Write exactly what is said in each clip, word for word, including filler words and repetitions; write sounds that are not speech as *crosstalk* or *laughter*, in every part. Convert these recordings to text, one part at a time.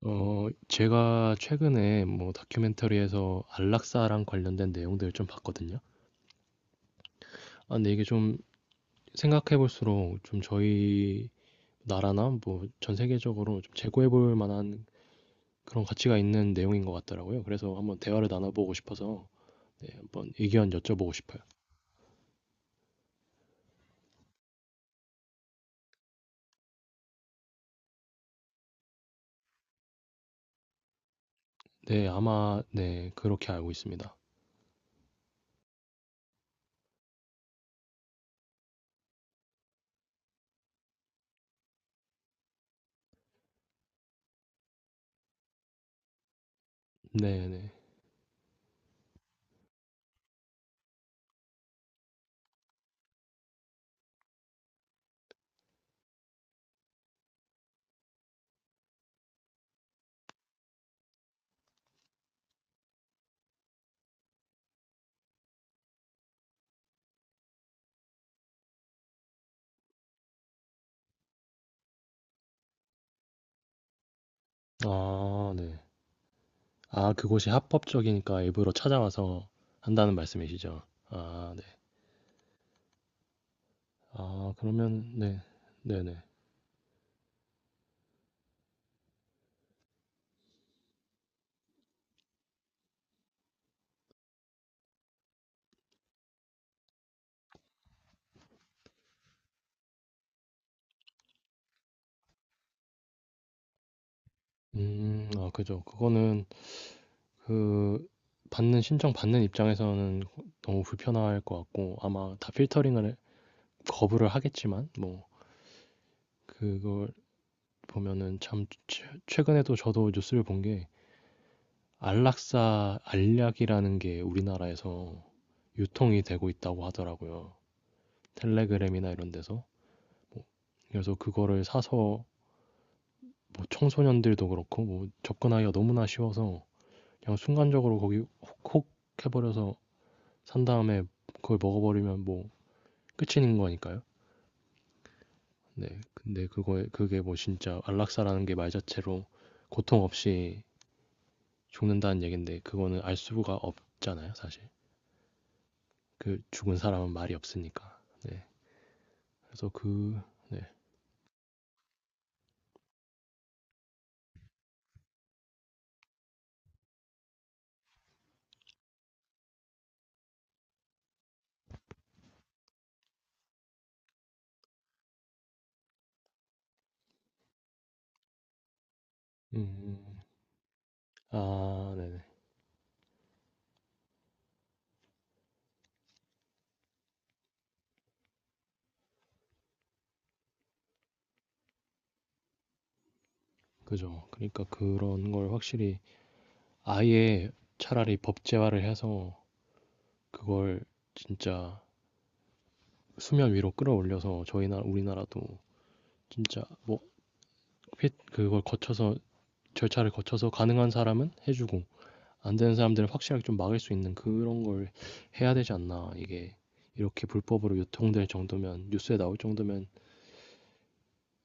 어 제가 최근에 뭐 다큐멘터리에서 안락사랑 관련된 내용들을 좀 봤거든요. 아 근데 이게 좀 생각해 볼수록 좀 저희 나라나 뭐 전 세계적으로 좀 재고해 볼 만한 그런 가치가 있는 내용인 것 같더라고요. 그래서 한번 대화를 나눠보고 싶어서 네 한번 의견 여쭤보고 싶어요. 네 아마 네 그렇게 알고 있습니다. 네네. 아 네. 아 그곳이 합법적이니까 일부러 찾아와서 한다는 말씀이시죠? 아 네. 아 그러면 네. 네네. 음. 아 그죠. 그거는 그 받는 신청 받는 입장에서는 너무 불편할 것 같고 아마 다 필터링을 거부를 하겠지만 뭐 그걸 보면은 참 최 최근에도 저도 뉴스를 본 게 안락사 알약이라는 게 우리나라에서 유통이 되고 있다고 하더라고요. 텔레그램이나 이런 데서. 뭐 그래서 그거를 사서 뭐 청소년들도 그렇고 뭐 접근하기가 너무나 쉬워서 그냥 순간적으로 거기 혹혹 해버려서 산 다음에 그걸 먹어버리면 뭐 끝인 거니까요. 네. 근데 그거에 그게 뭐 진짜 안락사라는 게 말 자체로 고통 없이 죽는다는 얘긴데 그거는 알 수가 없잖아요, 사실. 그 죽은 사람은 말이 없으니까. 네. 그래서 그 네. 음. 음. 아, 네네. 그죠. 그러니까 그런 걸 확실히 아예 차라리 법제화를 해서 그걸 진짜 수면 위로 끌어올려서 저희 나 우리나라도 진짜 뭐 그걸 거쳐서 절차를 거쳐서 가능한 사람은 해주고 안 되는 사람들은 확실하게 좀 막을 수 있는 그런 걸 해야 되지 않나 이게 이렇게 불법으로 유통될 정도면 뉴스에 나올 정도면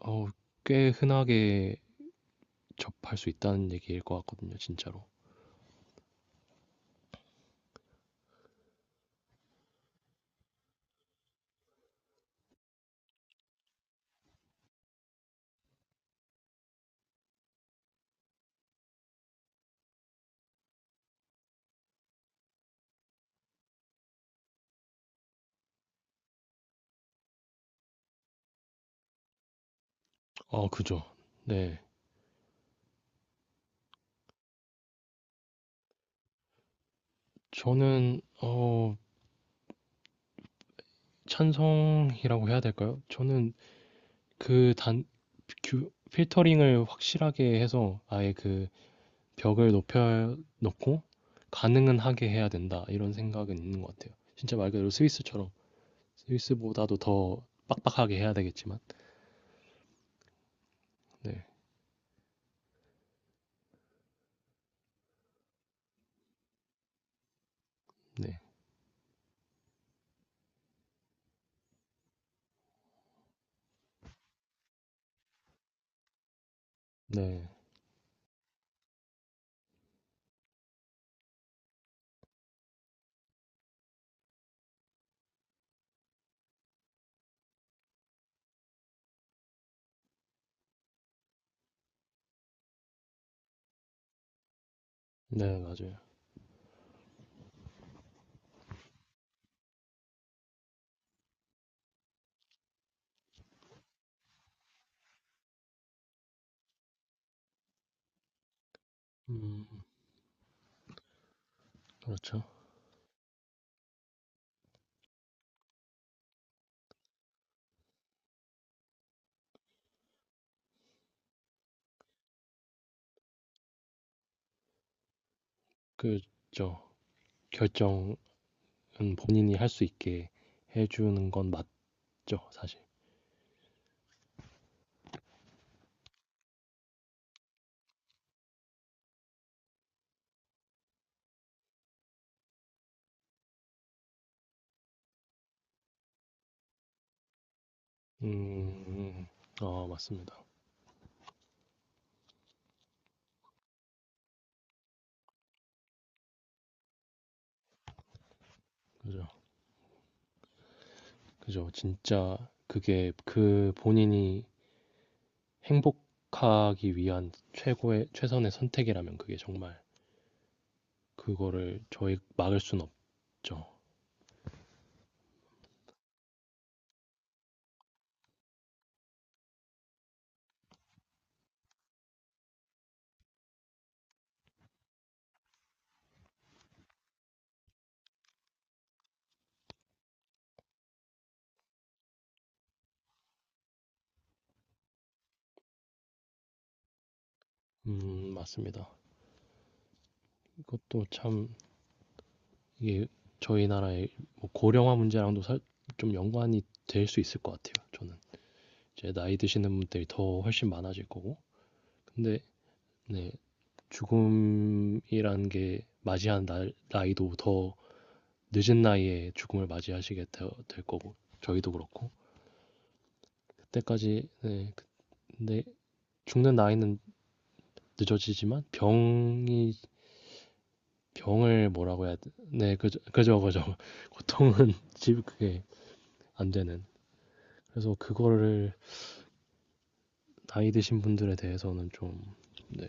어, 꽤 흔하게 접할 수 있다는 얘기일 것 같거든요 진짜로. 어 그죠. 네. 저는 어 찬성이라고 해야 될까요. 저는 그단 필터링을 확실하게 해서 아예 그 벽을 높여 놓고 가능은 하게 해야 된다. 이런 생각은 있는 것 같아요. 진짜 말 그대로 스위스처럼 스위스보다도 더 빡빡하게 해야 되겠지만. 네. 네. 네. 네, 맞아요. 음, 그렇죠. 그죠. 결정은 본인이 할 수 있게 해주는 건 맞죠, 사실. 음, 아, 맞습니다. 그죠. 그죠. 진짜 그게 그 본인이 행복하기 위한 최고의, 최선의 선택이라면 그게 정말 그거를 저희 막을 수는 없죠. 음, 맞습니다. 이것도 참 이게 저희 나라의 뭐 고령화 문제랑도 살- 좀 연관이 될 수 있을 것 같아요. 저는 이제 나이 드시는 분들이 더 훨씬 많아질 거고, 근데 네, 죽음이란 게 맞이한 날, 나이도 더 늦은 나이에 죽음을 맞이하시게 되- 될 거고, 저희도 그렇고 그때까지 네, 근데 죽는 나이는 늦어지지만 병이 병을 뭐라고 해야 돼? 네, 그죠, 그죠, 그죠. *laughs* 고통은 *laughs* 집 그게 안 되는. 그래서 그거를 나이 드신 분들에 대해서는 좀 네,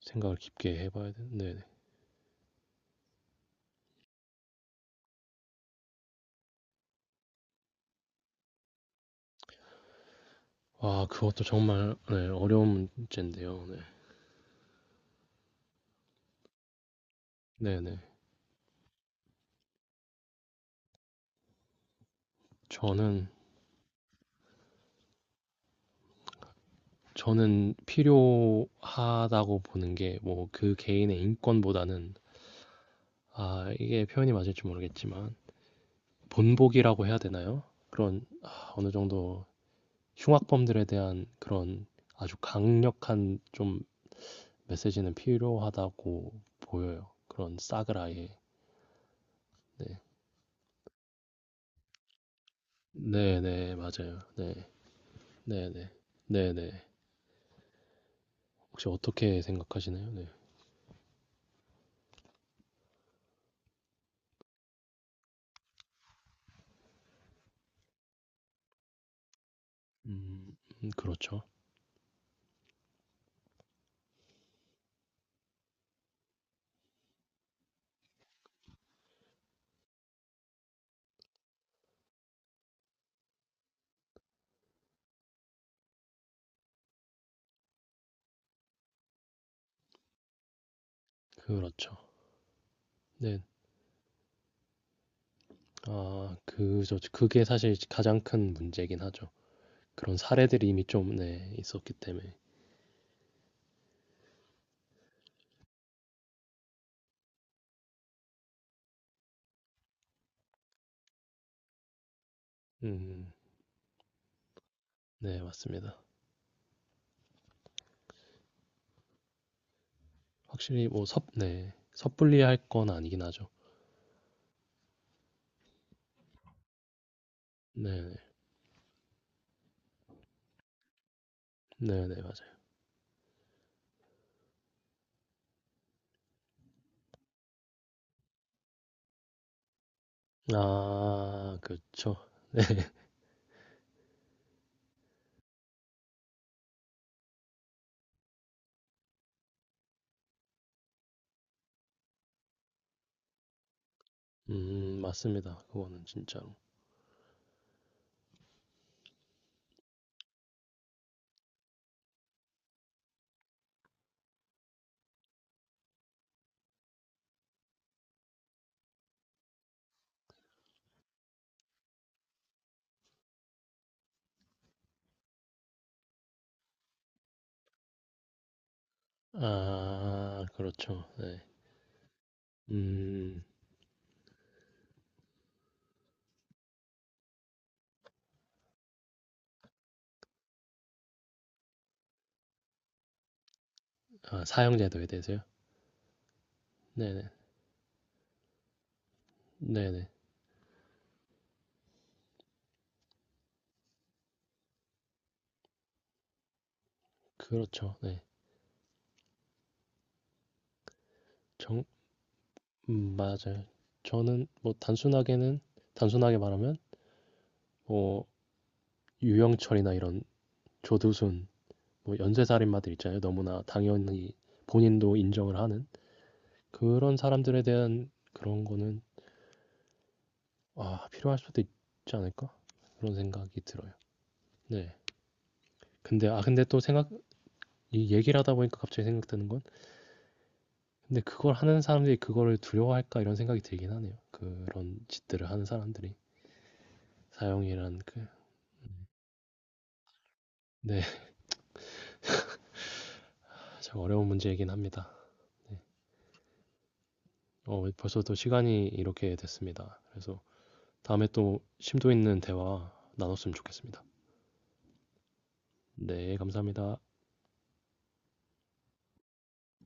생각을 깊게 해봐야 되는데. 네. 네. 와, 그것도 정말 네, 어려운 문제인데요. 네. 네네. 저는 저는 필요하다고 보는 게 뭐 그 개인의 인권보다는 아 이게 표현이 맞을지 모르겠지만 본보기라고 해야 되나요? 그런 아, 어느 정도 흉악범들에 대한 그런 아주 강력한 좀 메시지는 필요하다고 보여요. 그런 싹을 아예. 네. 네네, 맞아요. 네. 네네. 네네. 혹시 어떻게 생각하시나요? 네. 음, 음, 그렇죠. 그렇죠. 네. 아, 그, 저, 그게 사실 가장 큰 문제긴 하죠. 그런 사례들이 이미 좀, 네, 있었기 때문에. 음, 네, 맞습니다. 확실히 뭐 섣, 네, 섣불리 할 건 아니긴 하죠. 네, 네, 네, 맞아요. 아, 그쵸. 음, 맞습니다. 그거는 진짜로. 아, 그렇죠. 네. 음, 아, 사형제도에 대해서요? 네네. 네네. 그렇죠. 네. 정, 음, 맞아요. 저는 뭐 단순하게는, 단순하게 말하면, 뭐, 유영철이나 이런 조두순, 뭐, 연쇄살인마들 있잖아요. 너무나 당연히 본인도 인정을 하는 그런 사람들에 대한 그런 거는, 아, 필요할 수도 있지 않을까? 그런 생각이 들어요. 네. 근데 아 근데 또 생각 이 얘기를 하다 보니까 갑자기 생각드는 건 근데 그걸 하는 사람들이 그거를 두려워할까 이런 생각이 들긴 하네요. 그런 짓들을 하는 사람들이 사형이란 그 네, *laughs* 참 어려운 문제이긴 합니다. 네. 어, 벌써 또 시간이 이렇게 됐습니다. 그래서 다음에 또 심도 있는 대화 나눴으면 좋겠습니다. 네, 감사합니다.